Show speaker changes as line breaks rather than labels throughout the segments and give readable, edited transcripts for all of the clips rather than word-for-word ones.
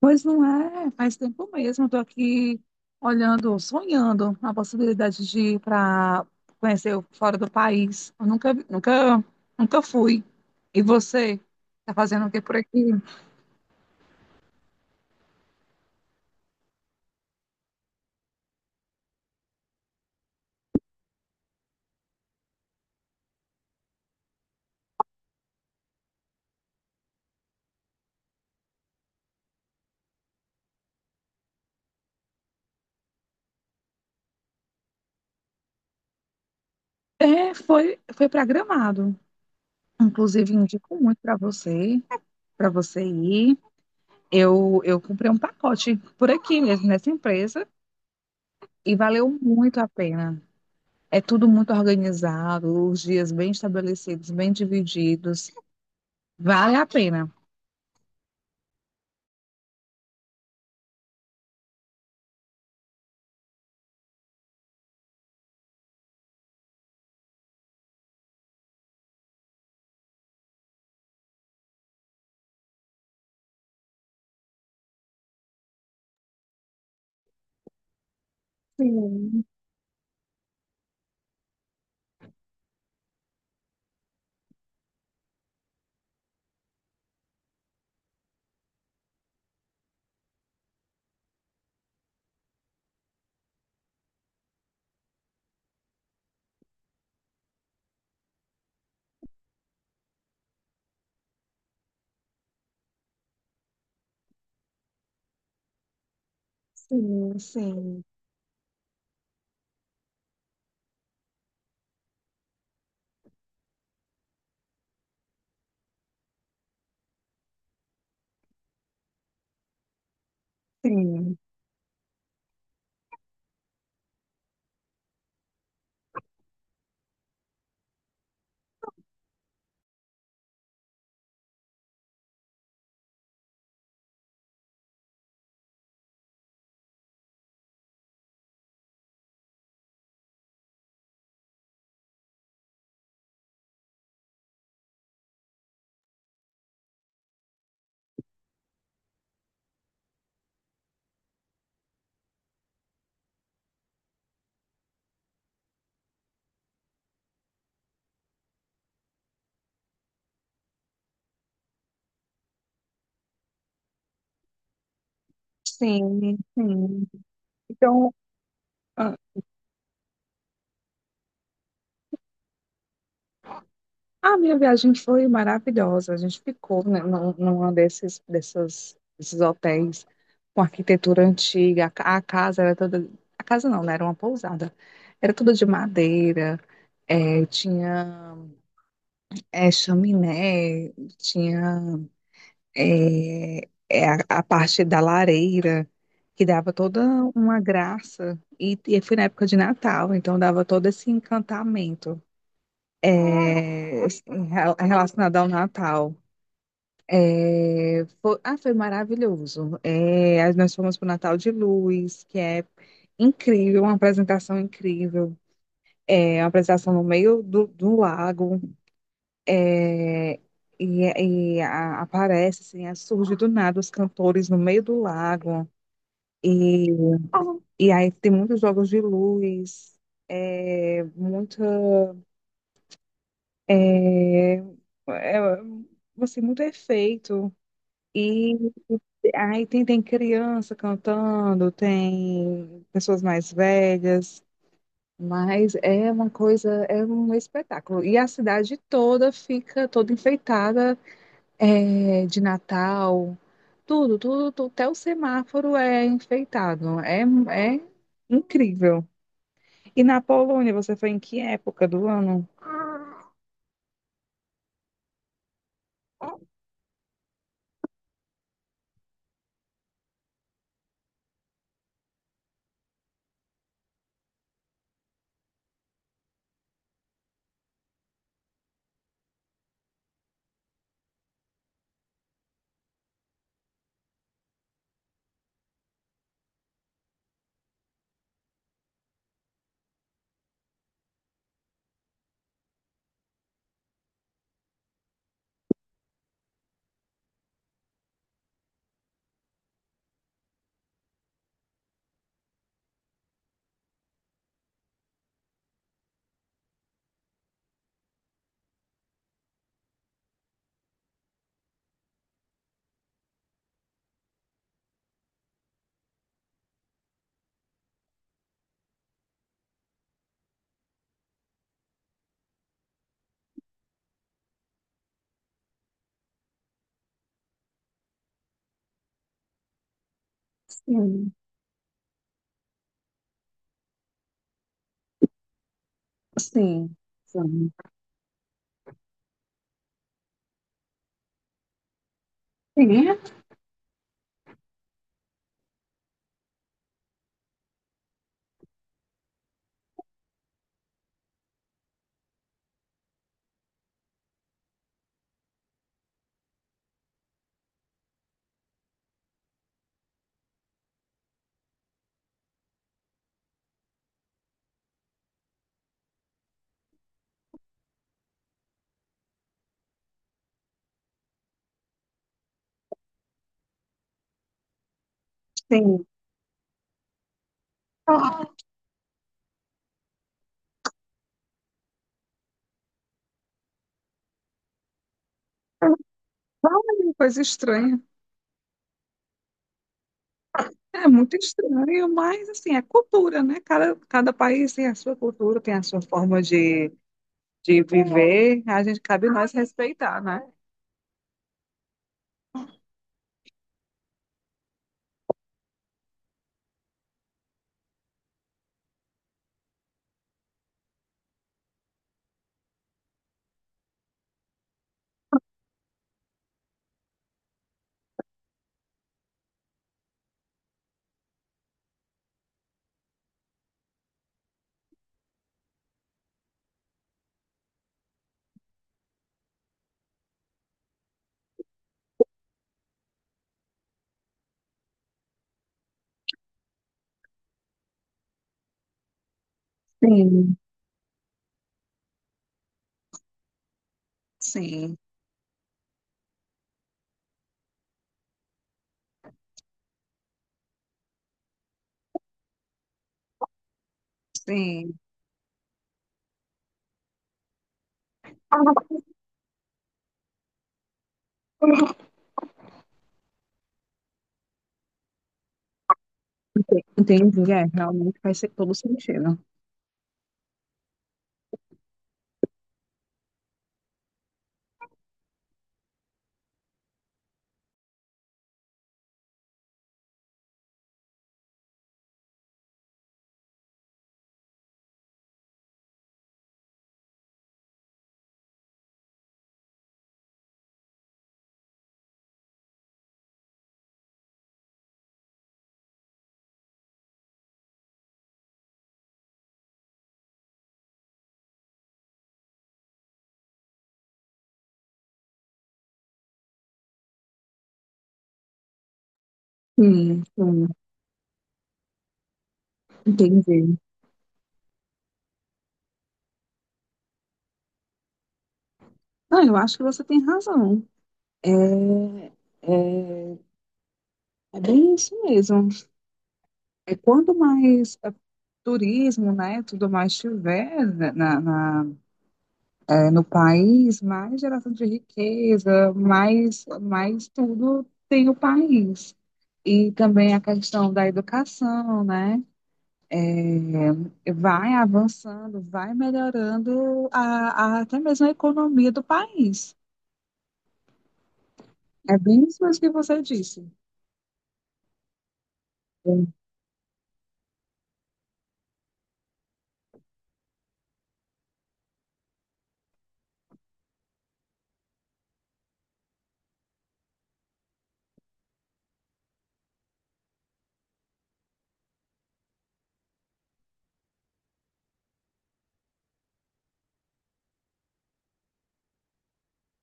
Pois não é, faz tempo mesmo. Estou aqui olhando, sonhando a possibilidade de ir para conhecer fora do país. Eu nunca, vi- nunca, nunca fui. E você? Tá fazendo o que por aqui? Foi para Gramado. Inclusive, indico muito para você para você ir. Eu comprei um pacote por aqui mesmo, nessa empresa, e valeu muito a pena. É tudo muito organizado, os dias bem estabelecidos, bem divididos. Vale a pena. Sim, sim, sim, sim, sim, sim. Então, a a minha viagem foi maravilhosa. A gente ficou, né, numa desses hotéis com arquitetura antiga. A casa era toda. A casa não, né? Era uma pousada. Era toda de madeira, tinha chaminé, tinha. A parte da lareira, que dava toda uma graça. E foi na época de Natal, então dava todo esse encantamento, é, relacionado ao Natal. Foi maravilhoso. É, aí nós fomos para o Natal de Luz, que é incrível, uma apresentação incrível. É uma apresentação no meio do lago. é, e, aparece, assim, surge do nada os cantores no meio do lago. E, e aí tem muitos jogos de luz, é, muito, é, é, assim, muito efeito. E aí tem, tem criança cantando, tem pessoas mais velhas, mas é uma coisa, é um espetáculo. E a cidade toda fica toda enfeitada, é, de Natal, tudo, tudo, tudo, até o semáforo é enfeitado. É, é incrível. E na Polônia, você foi em que época do ano? Ah. Sim, sim, sim. Sim, é, sim. Olha, coisa estranha. É muito estranho, mas assim, é cultura, né? Cada país tem a sua cultura, tem a sua forma de viver. A gente cabe nós respeitar, né? Sim. Sim, sim. Entendi. É, realmente faz ser todo sentido. Sim, sim, entendi. Não, eu acho que você tem razão. É, é, É bem isso mesmo. Quanto mais turismo, né, tudo mais tiver, né, no país, mais geração de riqueza, mais, mais tudo tem o país. E também a questão da educação, né, é, vai avançando, vai melhorando até mesmo a economia do país. É bem isso mesmo que você disse. Com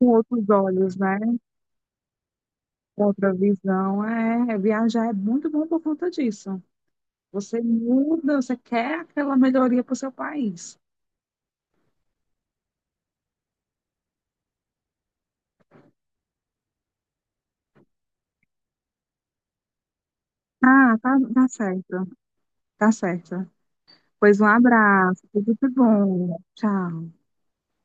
outros olhos, né, com outra visão, é, viajar é muito bom por conta disso. Você muda, você quer aquela melhoria para o seu país. Ah, tá, tá certo. Tá certo. Pois um abraço, tudo de bom. Tchau.